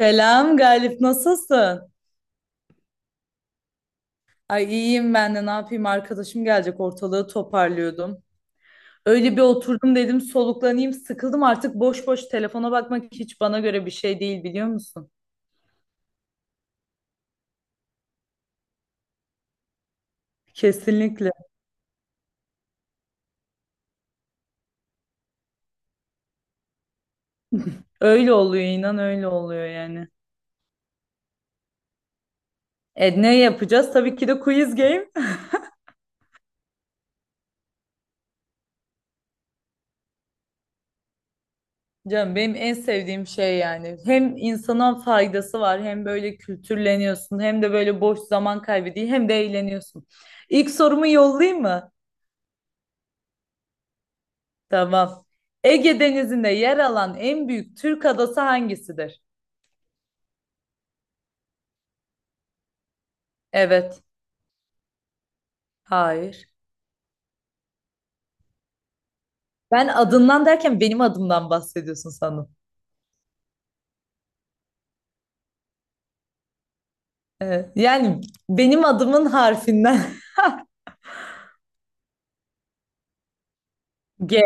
Selam Galip, nasılsın? Ay iyiyim ben de ne yapayım, arkadaşım gelecek, ortalığı toparlıyordum. Öyle bir oturdum, dedim soluklanayım, sıkıldım artık, boş boş telefona bakmak hiç bana göre bir şey değil, biliyor musun? Kesinlikle. Öyle oluyor, inan öyle oluyor yani. E ne yapacağız? Tabii ki de quiz game. Canım benim en sevdiğim şey yani. Hem insana faydası var, hem böyle kültürleniyorsun, hem de böyle boş zaman kaybı değil, hem de eğleniyorsun. İlk sorumu yollayayım mı? Tamam. Ege Denizi'nde yer alan en büyük Türk adası hangisidir? Evet. Hayır. Ben adından derken benim adımdan bahsediyorsun sanırım. Evet. Yani benim adımın harfinden. G.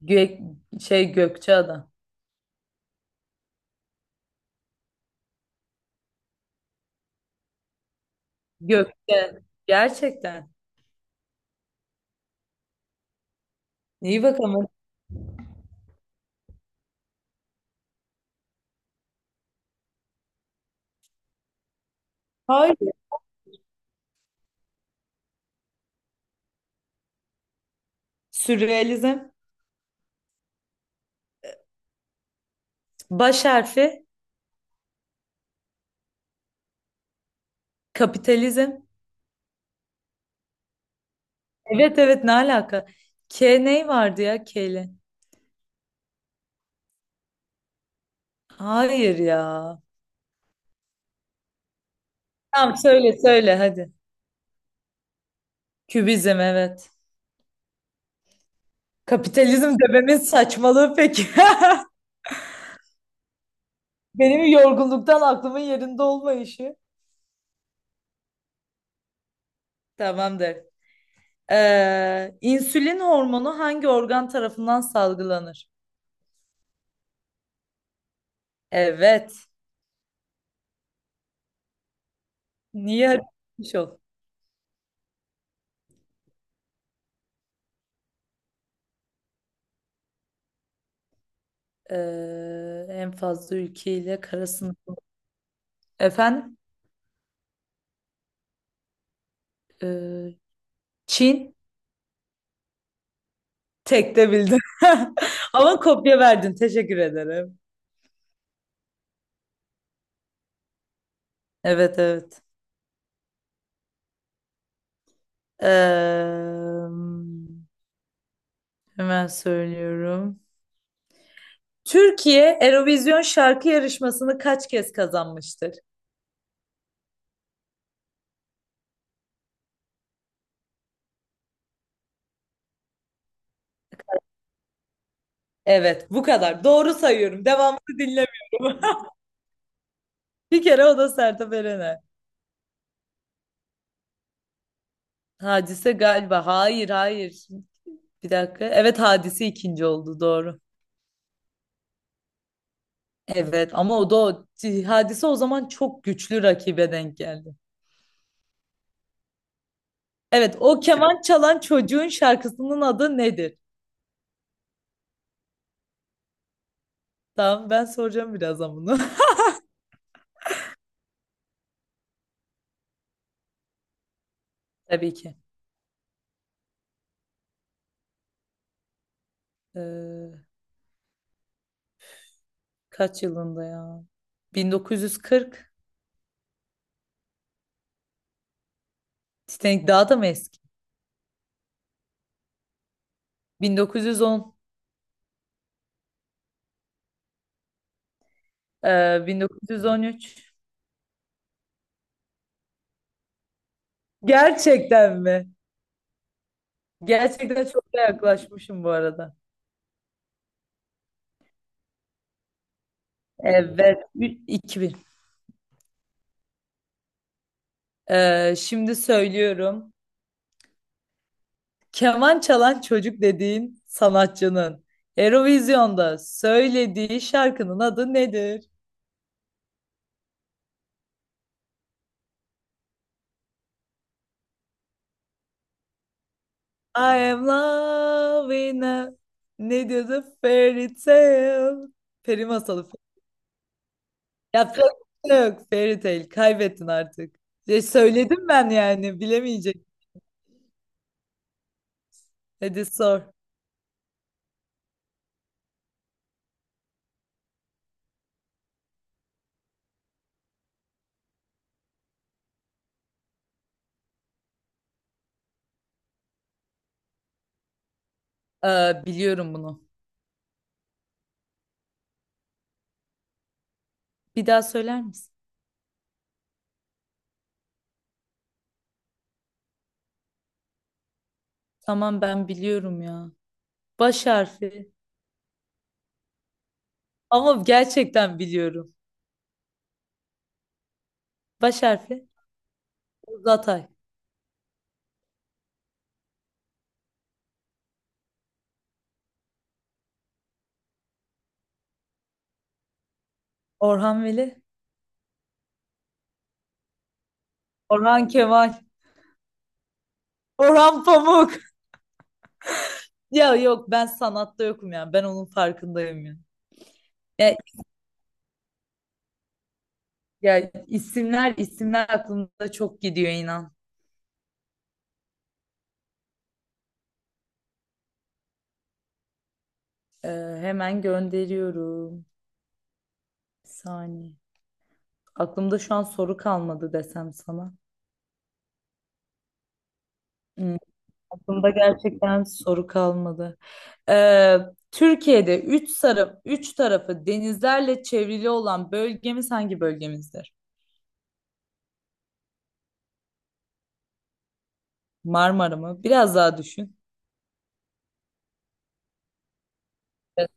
Gö şey Gökçeada. Gökçe. Gerçekten. İyi bakalım. Hayır. Sürrealizm. Baş harfi. Kapitalizm. Evet evet, ne alaka? K ney vardı ya K ile? Hayır ya. Tamam, söyle söyle hadi. Kübizm evet. Kapitalizm dememin saçmalığı peki. Benim yorgunluktan aklımın yerinde olmayışı. Tamamdır. İnsülin hormonu hangi organ tarafından salgılanır? Evet. Niye haritamış ol? En fazla ülkeyle kara sınır. Efendim? Ee, Çin. Tek de bildim. Ama kopya verdin. Teşekkür ederim. Evet evet. Ee, hemen söylüyorum. Türkiye Eurovision şarkı yarışmasını kaç kez kazanmıştır? Evet, bu kadar. Doğru sayıyorum. Devamını dinlemiyorum. Bir kere o da Sertab Erener. Hadise galiba. Hayır, hayır. Bir dakika. Evet, Hadise ikinci oldu. Doğru. Evet ama o da o. Hadise o zaman çok güçlü rakibe denk geldi. Evet, o keman çalan çocuğun şarkısının adı nedir? Tamam, ben soracağım birazdan bunu. Tabii ki. Ee, kaç yılında ya? 1940. Titanic daha da mı eski? 1910, e, 1913. Gerçekten mi? Gerçekten çok da yaklaşmışım bu arada. Evet, Ü- 2000. E, şimdi söylüyorum. Keman çalan çocuk dediğin sanatçının Eurovision'da söylediği şarkının adı nedir? I am loving a... Ne diyordu? Fairy tale. Peri masalı. Yapacak bir şey yok, Fairy Tail. Kaybettin artık. Ya söyledim ben, yani bilemeyecek. Hadi sor. Biliyorum bunu. Bir daha söyler misin? Tamam, ben biliyorum ya. Baş harfi. Ama gerçekten biliyorum. Baş harfi. Uzatay. Orhan Veli. Orhan Kemal. Orhan Pamuk. Ya yok, ben sanatta yokum ya. Ben onun farkındayım ya. Ya, ya isimler aklımda çok gidiyor, inan. Ee, hemen gönderiyorum. Bir saniye. Aklımda şu an soru kalmadı desem sana. Hmm, aklımda gerçekten soru kalmadı. Ee, Türkiye'de üç sarı, üç tarafı denizlerle çevrili olan bölgemiz hangi bölgemizdir? Marmara mı? Biraz daha düşün. Evet.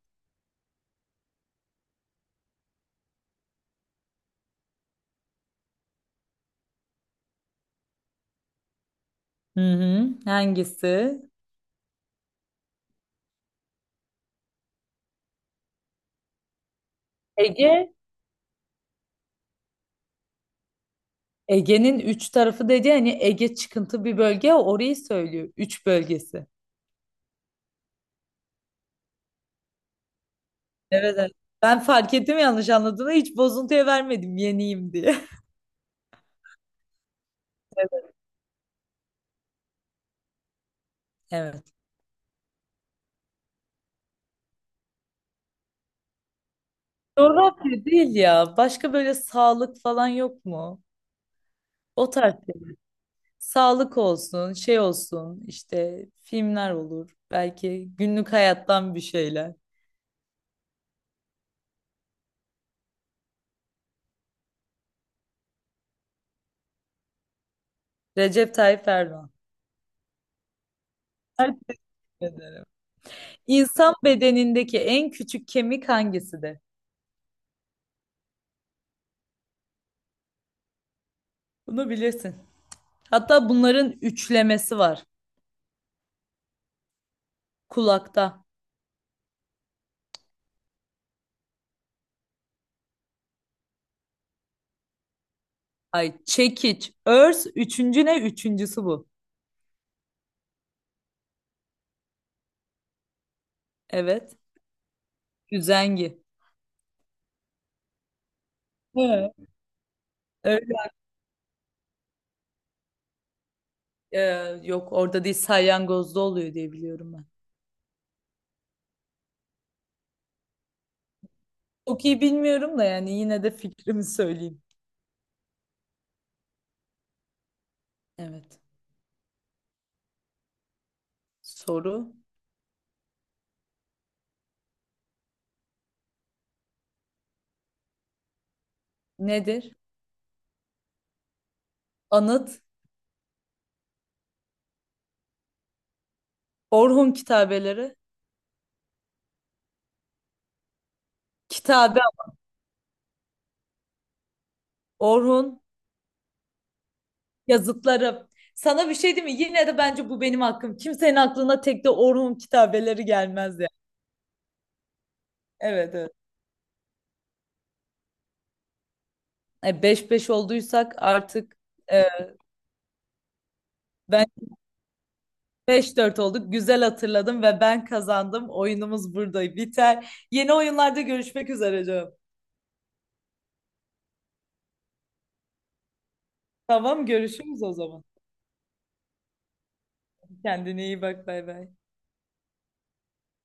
Hı hı. Hangisi? Ege. Ege'nin üç tarafı dedi, hani Ege çıkıntı bir bölge ya, orayı söylüyor. Üç bölgesi. Evet, evet. Ben fark ettim yanlış anladığını, hiç bozuntuya vermedim yeniyim diye. Evet. Coğrafya değil ya. Başka böyle sağlık falan yok mu? O tarz şey. Sağlık olsun, şey olsun, işte filmler olur. Belki günlük hayattan bir şeyler. Recep Tayyip Erdoğan. Teşekkür ederim. İnsan bedenindeki en küçük kemik hangisidir? Bunu bilirsin. Hatta bunların üçlemesi var. Kulakta. Ay çekiç, örs, üçüncü ne? Üçüncüsü bu. Evet. Üzengi. Evet. Ee, yok orada değil, salyangozda oluyor diye biliyorum ben. Çok iyi bilmiyorum da yani, yine de fikrimi söyleyeyim. Evet. Soru nedir? Anıt, Orhun kitabeleri, kitabe, Orhun yazıtları. Sana bir şey diyeyim mi? Yine de bence bu benim hakkım. Kimsenin aklına tek de Orhun kitabeleri gelmez ya. Evet evet. E, 5-5 olduysak artık e, ben beş dört olduk. Güzel hatırladım ve ben kazandım. Oyunumuz burada biter. Yeni oyunlarda görüşmek üzere canım. Tamam, görüşürüz o zaman. Kendine iyi bak, bay bay.